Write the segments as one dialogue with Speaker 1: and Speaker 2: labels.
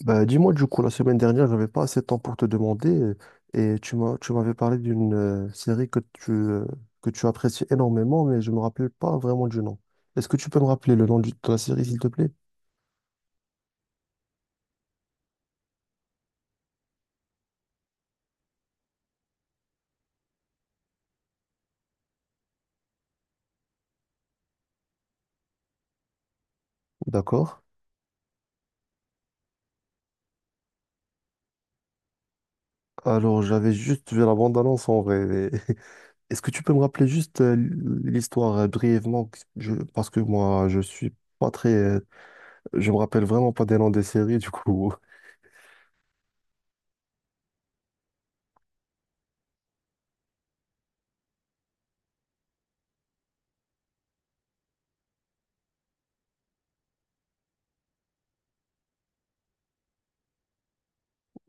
Speaker 1: Bah, dis-moi, du coup, la semaine dernière, j'avais pas assez de temps pour te demander. Et tu m'as, tu m'avais parlé d'une série que tu apprécies énormément, mais je me rappelle pas vraiment du nom. Est-ce que tu peux me rappeler le nom de la série, s'il te plaît? D'accord. Alors, j'avais juste vu la bande-annonce en vrai, mais est-ce que tu peux me rappeler juste l'histoire brièvement? Parce que moi, je suis pas très. Je me rappelle vraiment pas des noms des séries, du coup.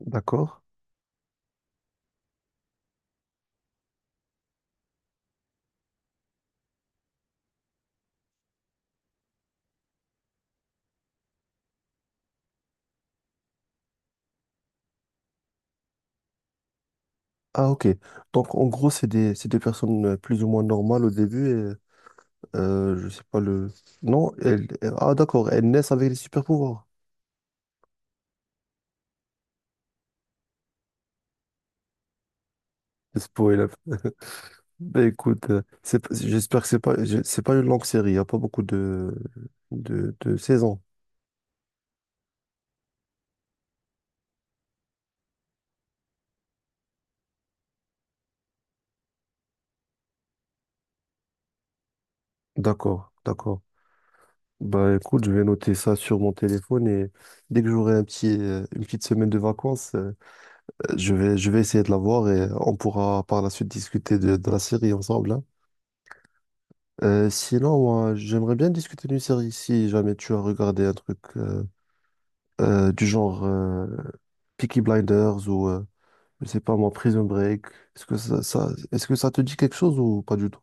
Speaker 1: D'accord. Ah, ok. Donc, en gros, c'est des personnes plus ou moins normales au début. Et, je sais pas le. Non, ah, d'accord. Elles naissent avec des super-pouvoirs. Le Spoil. Un peu. Ben, écoute, c'est j'espère que c'est pas, c'est pas une longue série. Il n'y a pas beaucoup de saisons. D'accord, d'accord. Bah écoute, je vais noter ça sur mon téléphone et dès que j'aurai un petit, une petite semaine de vacances, je vais essayer de la voir et on pourra par la suite discuter de la série ensemble, hein. Sinon, moi, j'aimerais bien discuter d'une série si jamais tu as regardé un truc du genre Peaky Blinders ou, je sais pas moi, Prison Break. Est-ce que ça te dit quelque chose ou pas du tout?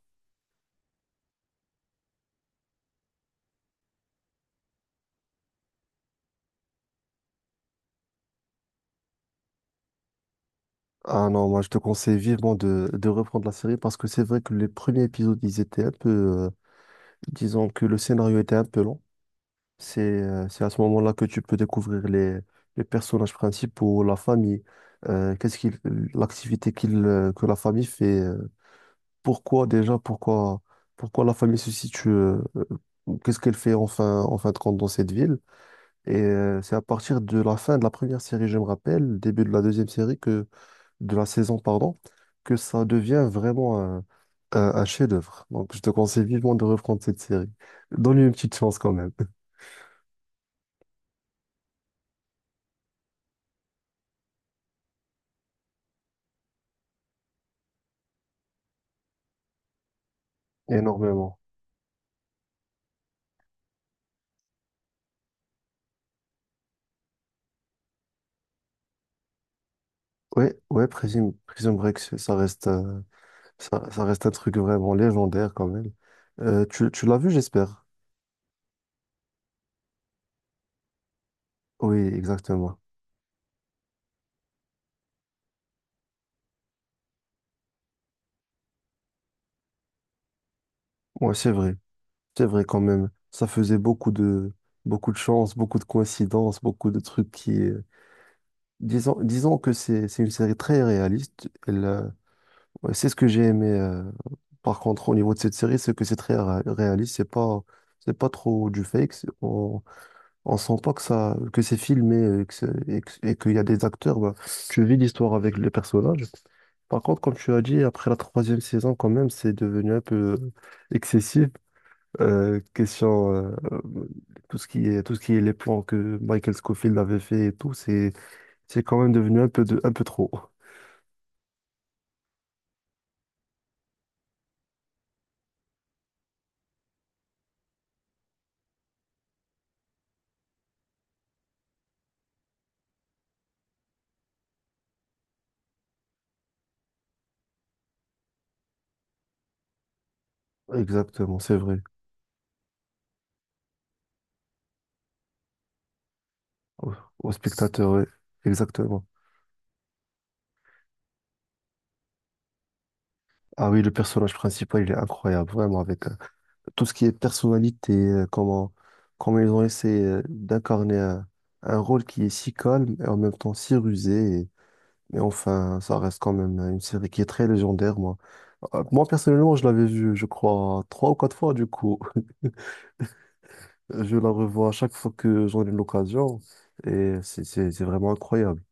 Speaker 1: Ah non, moi je te conseille vivement de reprendre la série parce que c'est vrai que les premiers épisodes, ils étaient un peu... Disons que le scénario était un peu long. C'est à ce moment-là que tu peux découvrir les personnages principaux, la famille, euh, qu'est-ce qu'il, l'activité que la famille fait, pourquoi déjà, pourquoi, pourquoi la famille se situe, qu'est-ce qu'elle fait enfin, en fin de compte dans cette ville. Et c'est à partir de la fin de la première série, je me rappelle, début de la deuxième série, de la saison, pardon, que ça devient vraiment un chef-d'œuvre. Donc, je te conseille vivement de reprendre cette série. Donne-lui une petite chance quand même. Énormément. Ouais, ouais, Prison Break, ça reste, ça, ça reste un truc vraiment légendaire quand même. Tu l'as vu, j'espère. Oui, exactement. Ouais, c'est vrai. C'est vrai quand même. Ça faisait beaucoup de chance, beaucoup de coïncidences, beaucoup de trucs qui. Disons, disons que c'est une série très réaliste. Elle, ouais, c'est ce que j'ai aimé. Par contre, au niveau de cette série, c'est que c'est très réaliste. C'est pas trop du fake. On sent pas que ça que c'est filmé que c'est- et que- et qu'il y a des acteurs. Bah, tu vis l'histoire avec les personnages. Par contre, comme tu as dit, après la troisième saison, quand même, c'est devenu un peu euh, excessif. Question, tout ce qui est, tout ce qui est les plans que Michael Scofield avait fait et tout, c'est quand même devenu un peu de, un peu trop. Exactement, c'est vrai. Au, au spectateur, ouais. Exactement. Ah oui, le personnage principal, il est incroyable, vraiment, avec tout ce qui est personnalité, comment ils ont essayé d'incarner un rôle qui est si calme et en même temps si rusé. Mais enfin, ça reste quand même une série qui est très légendaire, moi. Moi, personnellement, je l'avais vue, je crois, trois ou quatre fois, du coup. Je la revois à chaque fois que j'en ai l'occasion. Et c'est vraiment incroyable.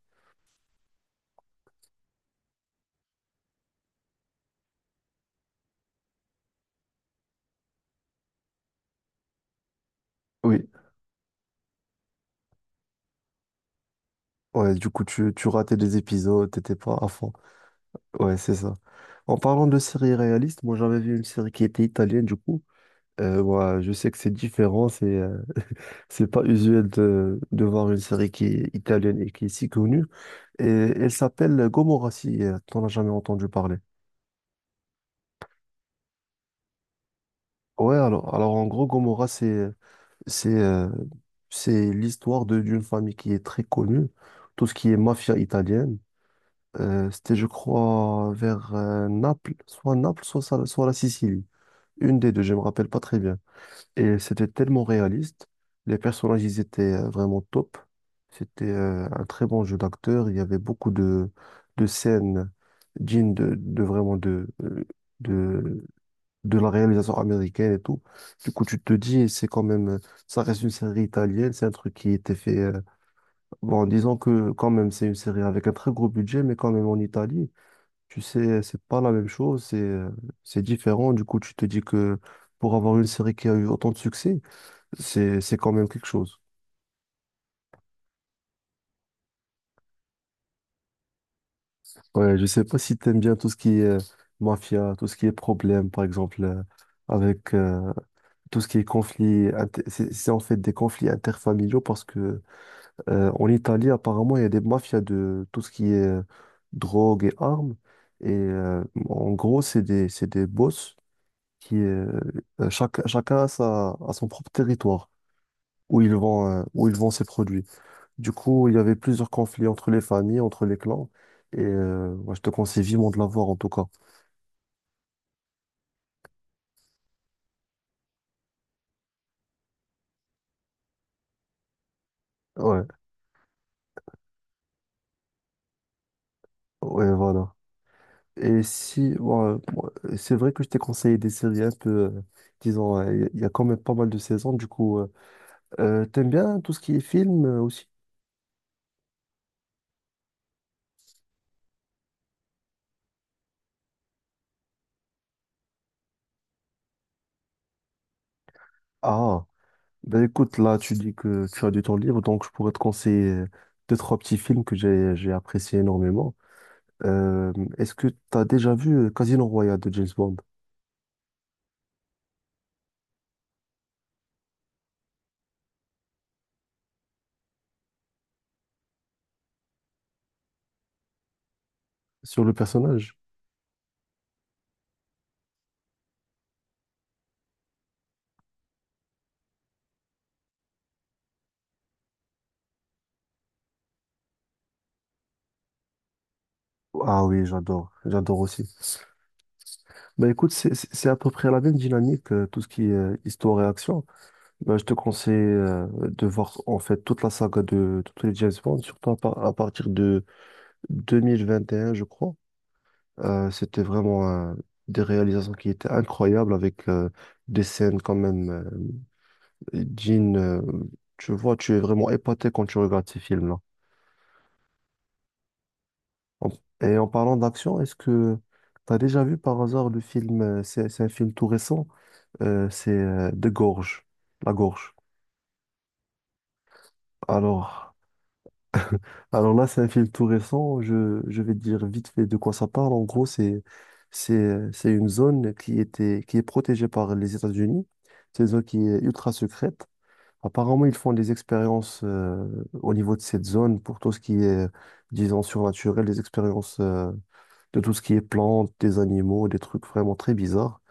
Speaker 1: Oui. Ouais, du coup, tu ratais des épisodes, t'étais pas à fond. Ouais, c'est ça. En parlant de séries réalistes, moi, j'avais vu une série qui était italienne, du coup. Ouais, je sais que c'est différent, c'est pas usuel de voir une série qui est italienne et qui est si connue. Et elle s'appelle Gomorrah, si t'en as jamais entendu parler. Ouais, alors en gros, Gomorrah, c'est, euh, c'est l'histoire de, d'une famille qui est très connue, tout ce qui est mafia italienne. C'était, je crois, vers Naples, soit Naples, soit la Sicile. Une des deux, je me rappelle pas très bien. Et c'était tellement réaliste. Les personnages, ils étaient vraiment top. C'était un très bon jeu d'acteur. Il y avait beaucoup de scènes dignes de vraiment de, de la réalisation américaine et tout. Du coup, tu te dis, c'est quand même, ça reste une série italienne. C'est un truc qui était fait, bon, disons que quand même, c'est une série avec un très gros budget, mais quand même en Italie, tu sais, c'est pas la même chose. C'est différent. Du coup, tu te dis que pour avoir une série qui a eu autant de succès, c'est quand même quelque chose. Ouais, je sais pas si t'aimes bien tout ce qui est mafia, tout ce qui est problème, par exemple, avec tout ce qui est conflit, c'est en fait des conflits interfamiliaux parce que en Italie, apparemment, il y a des mafias de tout ce qui est drogue et armes. Et en gros, c'est des boss qui, euh, chacun a son propre territoire où ils vont, où ils vendent ses produits. Du coup, il y avait plusieurs conflits entre les familles, entre les clans. Et moi, je te conseille vivement de la voir, en tout cas. Ouais, ouais, voilà. Et si, ouais, moi, c'est vrai que je t'ai conseillé des séries un peu, disons, il y a quand même pas mal de saisons. Du coup, t'aimes bien tout ce qui est film aussi? Ah, ben écoute, là, tu dis que tu as du temps libre, donc je pourrais te conseiller deux, trois petits films que j'ai appréciés énormément. Euh, Est-ce que tu as déjà vu Casino Royale de James Bond sur le personnage? Ah oui, j'adore, j'adore aussi. Bah écoute, c'est à peu près la même dynamique, tout ce qui est histoire et action. Bah, je te conseille de voir en fait toute la saga de tous les James Bond, surtout à, à partir de 2021, je crois. C'était vraiment des réalisations qui étaient incroyables avec des scènes quand même. Jean, tu vois, tu es vraiment épaté quand tu regardes ces films-là. En- Et en parlant d'action, est-ce que tu as déjà vu par hasard le film, c'est un film tout récent? C'est De Gorge, La Gorge. Alors, alors là, c'est un film tout récent. Je vais dire vite fait de quoi ça parle. En gros, c'est une zone qui était, qui est protégée par les États-Unis. C'est une zone qui est ultra secrète. Apparemment, ils font des expériences au niveau de cette zone pour tout ce qui est, disons, surnaturel, des expériences de tout ce qui est plantes, des animaux, des trucs vraiment très bizarres.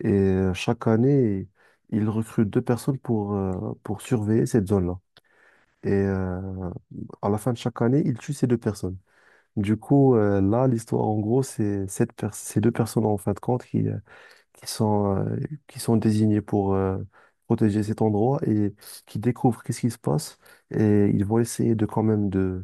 Speaker 1: Et chaque année, ils recrutent deux personnes pour surveiller cette zone-là. Et à la fin de chaque année, ils tuent ces deux personnes. Du coup, là, l'histoire, en gros, c'est ces deux personnes, en fin de compte, qui sont, euh, qui sont désignés pour protéger cet endroit et qui découvrent qu'est-ce qui se passe. Et ils vont essayer de quand même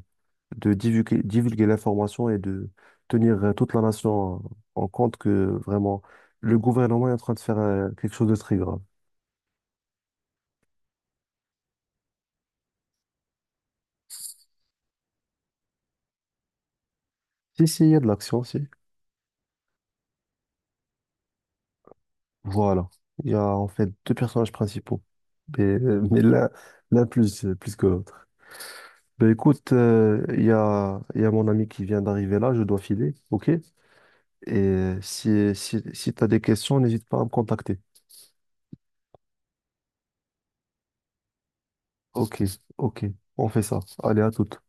Speaker 1: de divulguer, divulguer l'information et de tenir toute la nation en compte que vraiment le gouvernement est en train de faire quelque chose de très grave. Si, si, il y a de l'action, si. Voilà. Il y a en fait deux personnages principaux. Mais, mais l'un, l'un plus, plus que l'autre. Ben écoute, il y a mon ami qui vient d'arriver là, je dois filer, ok? Et si, si, si tu as des questions, n'hésite pas à me contacter. Ok, ok, on fait ça. Allez, à toute.